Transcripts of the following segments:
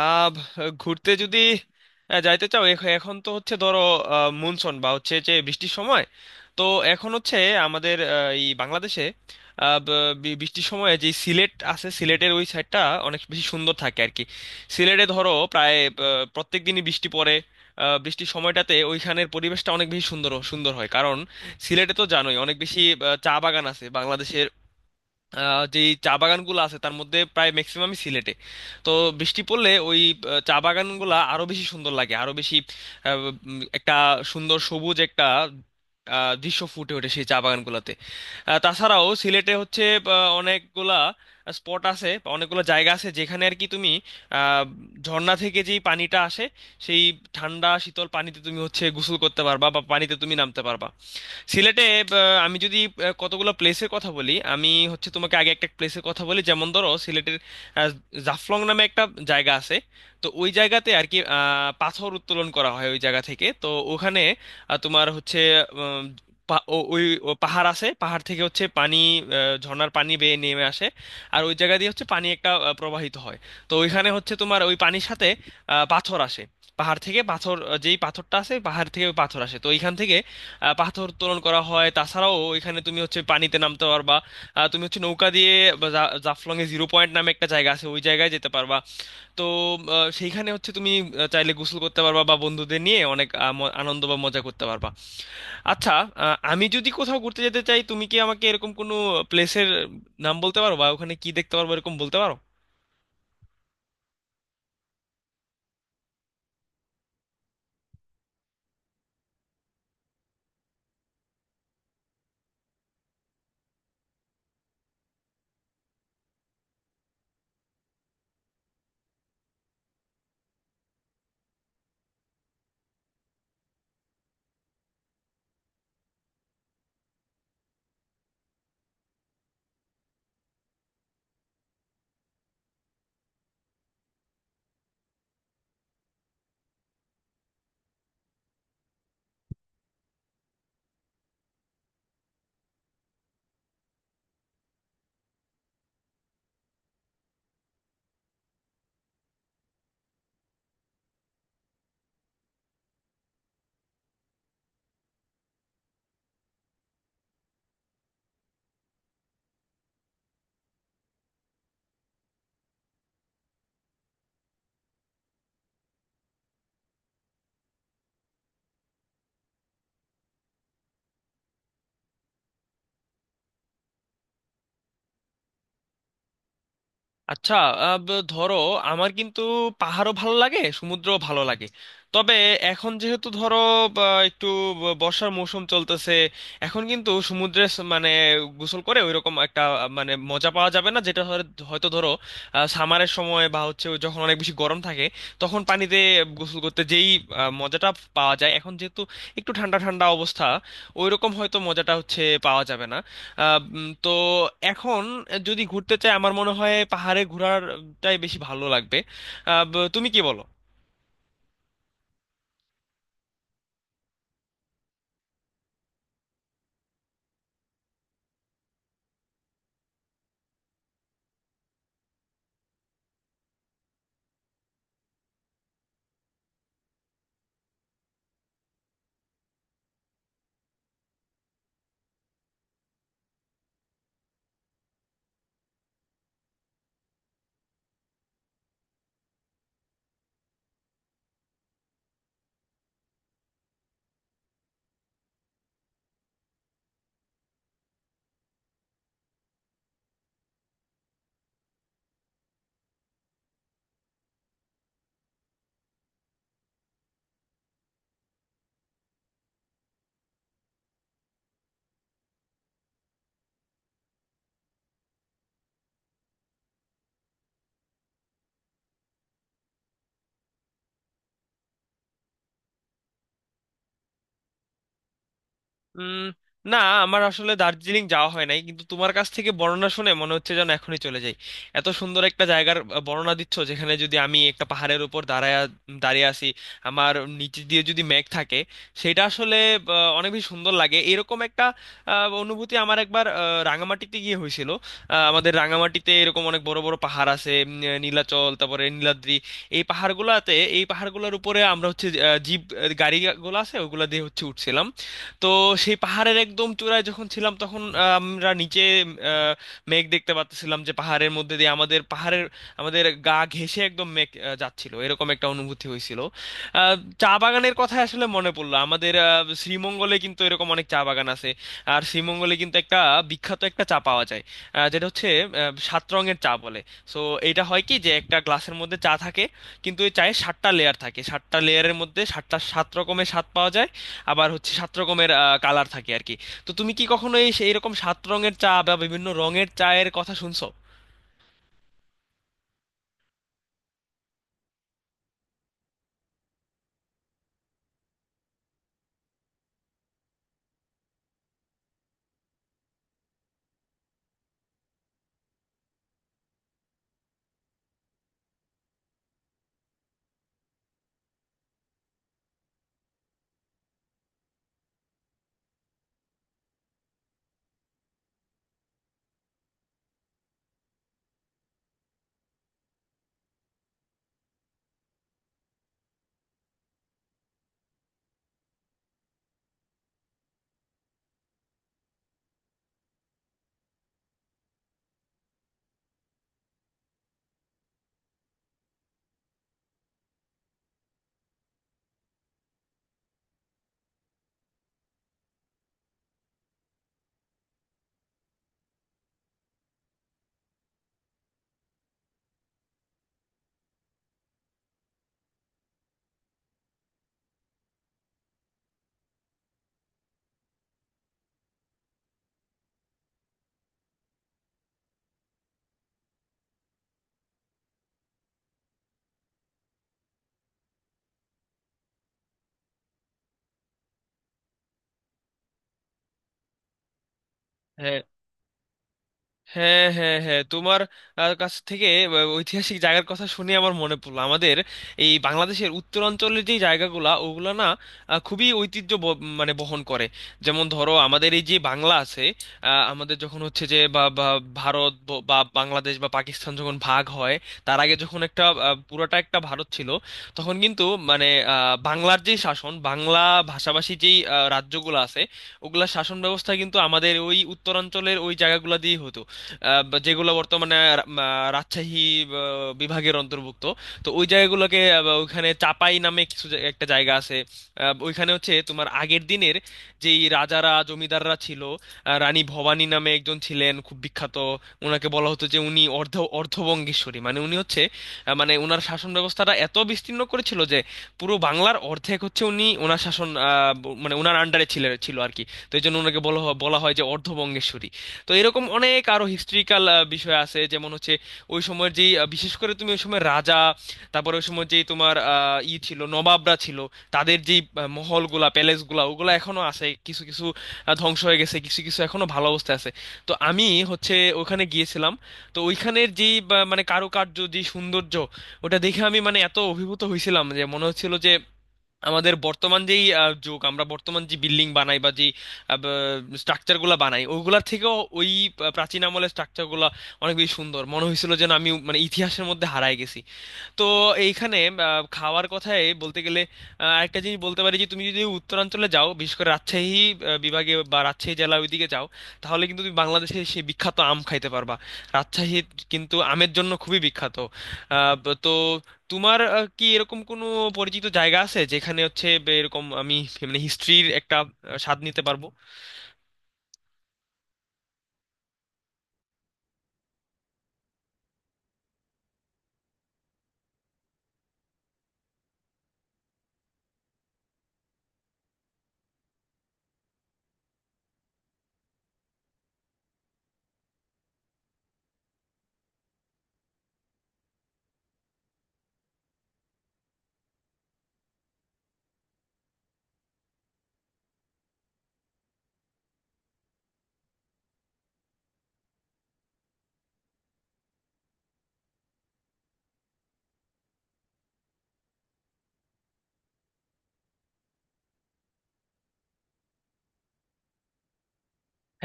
আহ ঘুরতে যদি যাইতে চাও এখন তো হচ্ছে ধরো মনসুন বা হচ্ছে যে বৃষ্টির সময়। তো এখন হচ্ছে আমাদের এই বাংলাদেশে বৃষ্টির সময় যে সিলেট আছে, সিলেটের ওই সাইডটা অনেক বেশি সুন্দর থাকে আর কি। সিলেটে ধরো প্রায় প্রত্যেক দিনই বৃষ্টি পড়ে। বৃষ্টির সময়টাতে ওইখানের পরিবেশটা অনেক বেশি সুন্দর সুন্দর হয়, কারণ সিলেটে তো জানোই অনেক বেশি চা বাগান আছে বাংলাদেশে। যে চা বাগানগুলো আছে তার মধ্যে প্রায় ম্যাক্সিমামই সিলেটে। তো বৃষ্টি পড়লে ওই চা বাগানগুলো আরো বেশি সুন্দর লাগে। আরো বেশি আহ, একটা সুন্দর সবুজ একটা দৃশ্য ফুটে ওঠে সেই চা বাগানগুলোতে। তাছাড়াও সিলেটে হচ্ছে অনেকগুলা স্পট আছে বা অনেকগুলো জায়গা আছে যেখানে আর কি তুমি আহ, ঝর্ণা থেকে যেই পানিটা আসে, সেই ঠান্ডা শীতল পানিতে তুমি হচ্ছে গোসল করতে পারবা বা পানিতে তুমি নামতে পারবা সিলেটে। আহ, আমি যদি কতগুলো প্লেসের কথা বলি, আমি হচ্ছে তোমাকে আগে একটা প্লেসের কথা বলি। যেমন ধরো সিলেটের আহ, জাফলং নামে একটা জায়গা আছে। তো ওই জায়গাতে আর কি পাথর উত্তোলন করা হয় ওই জায়গা থেকে। তো ওখানে তোমার হচ্ছে পা- ও- ওই ও পাহাড় আছে, পাহাড় থেকে হচ্ছে পানি ঝর্ণার পানি বেয়ে নেমে আসে, আর ওই জায়গা দিয়ে হচ্ছে পানি একটা প্রবাহিত হয়। তো ওইখানে হচ্ছে তোমার ওই পানির সাথে পাথর আসে। পাহাড় থেকে পাথর, যেই পাথরটা আছে পাহাড় থেকে ওই পাথর আসে, তো ওইখান থেকে পাথর উত্তোলন করা হয়। তাছাড়াও ওইখানে তুমি হচ্ছে পানিতে নামতে পারবা। তুমি হচ্ছে নৌকা দিয়ে বা জাফলং এ জিরো পয়েন্ট নামে একটা জায়গা আছে, ওই জায়গায় যেতে পারবা। তো সেইখানে হচ্ছে তুমি চাইলে গোসল করতে পারবা বা বন্ধুদের নিয়ে অনেক আনন্দ বা মজা করতে পারবা। আচ্ছা, আমি যদি কোথাও ঘুরতে যেতে চাই, তুমি কি আমাকে এরকম কোনো প্লেসের নাম বলতে পারো বা ওখানে কি দেখতে পারবো এরকম বলতে পারো? আচ্ছা। ধরো আমার কিন্তু পাহাড়ও ভালো লাগে, সমুদ্রও ভালো লাগে। তবে এখন যেহেতু ধরো বা, একটু বর্ষার মৌসুম চলতেছে, এখন কিন্তু সমুদ্রে মানে গোসল করে ওইরকম একটা মানে মজা পাওয়া যাবে না, যেটা হয়তো ধরো সামারের সময় বা হচ্ছে ওই যখন অনেক বেশি গরম থাকে তখন পানিতে গোসল করতে যেই মজাটা পাওয়া যায়। এখন যেহেতু একটু ঠান্ডা ঠান্ডা অবস্থা, ওইরকম হয়তো মজাটা হচ্ছে পাওয়া যাবে না। তো এখন যদি ঘুরতে চাই, আমার মনে হয় পাহাড়ে ঘোরাটাই বেশি ভালো লাগবে। তুমি কি বলো? উম না, আমার আসলে দার্জিলিং যাওয়া হয় নাই, কিন্তু তোমার কাছ থেকে বর্ণনা শুনে মনে হচ্ছে যেন এখনই চলে যাই। এত সুন্দর একটা জায়গার বর্ণনা দিচ্ছ, যেখানে যদি আমি একটা পাহাড়ের উপর দাঁড়িয়ে আছি, আমার নিচে দিয়ে যদি মেঘ থাকে সেটা আসলে অনেক বেশি সুন্দর লাগে। এরকম একটা আহ, অনুভূতি আমার একবার রাঙামাটিতে গিয়ে হয়েছিল। আমাদের রাঙামাটিতে এরকম অনেক বড় বড় পাহাড় আছে। নীলাচল, তারপরে নীলাদ্রি, এই পাহাড়গুলোতে, এই পাহাড়গুলোর উপরে আমরা হচ্ছে জিপ গাড়িগুলো আছে ওগুলা দিয়ে হচ্ছে উঠছিলাম। তো সেই পাহাড়ের একদম চূড়ায় যখন ছিলাম তখন আমরা নিচে আহ, মেঘ দেখতে পাচ্ছিলাম, যে পাহাড়ের মধ্যে দিয়ে আমাদের গা ঘেঁষে একদম মেঘ যাচ্ছিল, এরকম একটা অনুভূতি হয়েছিল। আহ, চা বাগানের কথা আসলে মনে পড়লো, আমাদের শ্রীমঙ্গলে কিন্তু এরকম অনেক চা বাগান আছে। আর শ্রীমঙ্গলে কিন্তু একটা বিখ্যাত একটা চা পাওয়া যায়, যেটা হচ্ছে সাত রঙের চা বলে। সো এটা হয় কি, যে একটা গ্লাসের মধ্যে চা থাকে কিন্তু এই চায়ে সাতটা লেয়ার থাকে, সাতটা লেয়ারের মধ্যে সাতটা সাত রকমের স্বাদ পাওয়া যায়, আবার হচ্ছে সাত রকমের কালার থাকে আর কি। তো তুমি কি কখনো এইরকম সাত রঙের চা বা বিভিন্ন রঙের চায়ের কথা শুনছো? হ্যাঁ হ্যাঁ হ্যাঁ, তোমার কাছ থেকে ঐতিহাসিক জায়গার কথা শুনে আমার মনে পড়লো আমাদের এই বাংলাদেশের উত্তরাঞ্চলের যে জায়গাগুলা, ওগুলা না খুবই ঐতিহ্য মানে বহন করে। যেমন ধরো আমাদের এই যে বাংলা আছে, আমাদের যখন হচ্ছে যে বা বা ভারত বা বাংলাদেশ বা পাকিস্তান যখন ভাগ হয়, তার আগে যখন একটা পুরোটা একটা ভারত ছিল তখন কিন্তু মানে বাংলার যে শাসন, বাংলা ভাষাভাষী যেই রাজ্যগুলো আছে ওগুলা শাসন ব্যবস্থা কিন্তু আমাদের ওই উত্তরাঞ্চলের ওই জায়গাগুলো দিয়েই হতো, বা যেগুলো বর্তমানে রাজশাহী আহ, বিভাগের অন্তর্ভুক্ত। তো ওই জায়গাগুলোকে বা ওইখানে চাপাই নামে একটা জায়গা আছে। ওইখানে হচ্ছে তোমার আগের দিনের যেই রাজারা জমিদাররা ছিল, রানী ভবানী নামে একজন ছিলেন খুব বিখ্যাত। ওনাকে বলা হতো যে উনি অর্ধবঙ্গেশ্বরী, মানে উনি হচ্ছে মানে ওনার শাসন ব্যবস্থাটা এত বিস্তীর্ণ করেছিল যে পুরো বাংলার অর্ধেক হচ্ছে উনি, ওনার শাসন মানে ওনার আন্ডারে ছিল ছিল আর কি। তো এই জন্য ওনাকে বলা হয় যে অর্ধবঙ্গেশ্বরী। তো এরকম অনেক আরো হিস্ট্রিক্যাল বিষয় আছে, যেমন হচ্ছে ওই সময়ের যেই বিশেষ করে তুমি ওই সময় রাজা, তারপরে ওই সময় যেই তোমার আহ, ই ছিল, নবাবরা ছিল, তাদের যেই মহলগুলা প্যালেসগুলা ওগুলা এখনো আছে, কিছু কিছু ধ্বংস হয়ে গেছে, কিছু কিছু এখনো ভালো অবস্থায় আছে। তো আমি হচ্ছে ওখানে গিয়েছিলাম। তো ওইখানের যেই মানে কারুকার্য, যে সৌন্দর্য, ওটা দেখে আমি মানে এত অভিভূত হয়েছিলাম যে মনে হচ্ছিল যে আমাদের বর্তমান যেই যুগ, আমরা বর্তমান যে বিল্ডিং বানাই বা যে স্ট্রাকচারগুলো বানাই, ওইগুলা থেকেও ওই প্রাচীন আমলের স্ট্রাকচারগুলো অনেক বেশি সুন্দর মনে হয়েছিল, যেন আমি মানে ইতিহাসের মধ্যে হারায় গেছি। তো এইখানে খাওয়ার কথায় বলতে গেলে একটা জিনিস বলতে পারি যে তুমি যদি উত্তরাঞ্চলে যাও, বিশেষ করে রাজশাহী বিভাগে বা রাজশাহী জেলার ওইদিকে যাও, তাহলে কিন্তু তুমি বাংলাদেশে সেই বিখ্যাত আম খাইতে পারবা। রাজশাহী কিন্তু আমের জন্য খুবই বিখ্যাত। তো তোমার কি এরকম কোনো পরিচিত জায়গা আছে যেখানে হচ্ছে এরকম আমি মানে হিস্ট্রির একটা স্বাদ নিতে পারবো?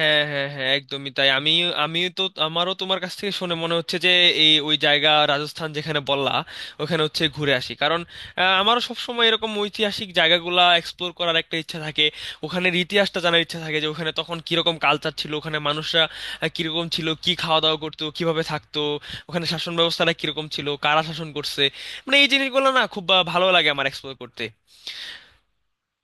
হ্যাঁ হ্যাঁ হ্যাঁ, একদমই তাই। আমি আমি তো আমারও তোমার কাছ থেকে শুনে মনে হচ্ছে যে ওই জায়গা রাজস্থান যেখানে বললা ওখানে হচ্ছে ঘুরে আসি, কারণ আমারও সবসময় এরকম ঐতিহাসিক জায়গাগুলা এক্সপ্লোর করার একটা ইচ্ছা থাকে, ওখানের ইতিহাসটা জানার ইচ্ছা থাকে, যে ওখানে তখন কিরকম কালচার ছিল, ওখানে মানুষরা কিরকম ছিল, কি খাওয়া দাওয়া করতো, কিভাবে থাকতো, ওখানে শাসন ব্যবস্থাটা কিরকম ছিল, কারা শাসন করছে, মানে এই জিনিসগুলো না খুব ভালো লাগে আমার এক্সপ্লোর করতে।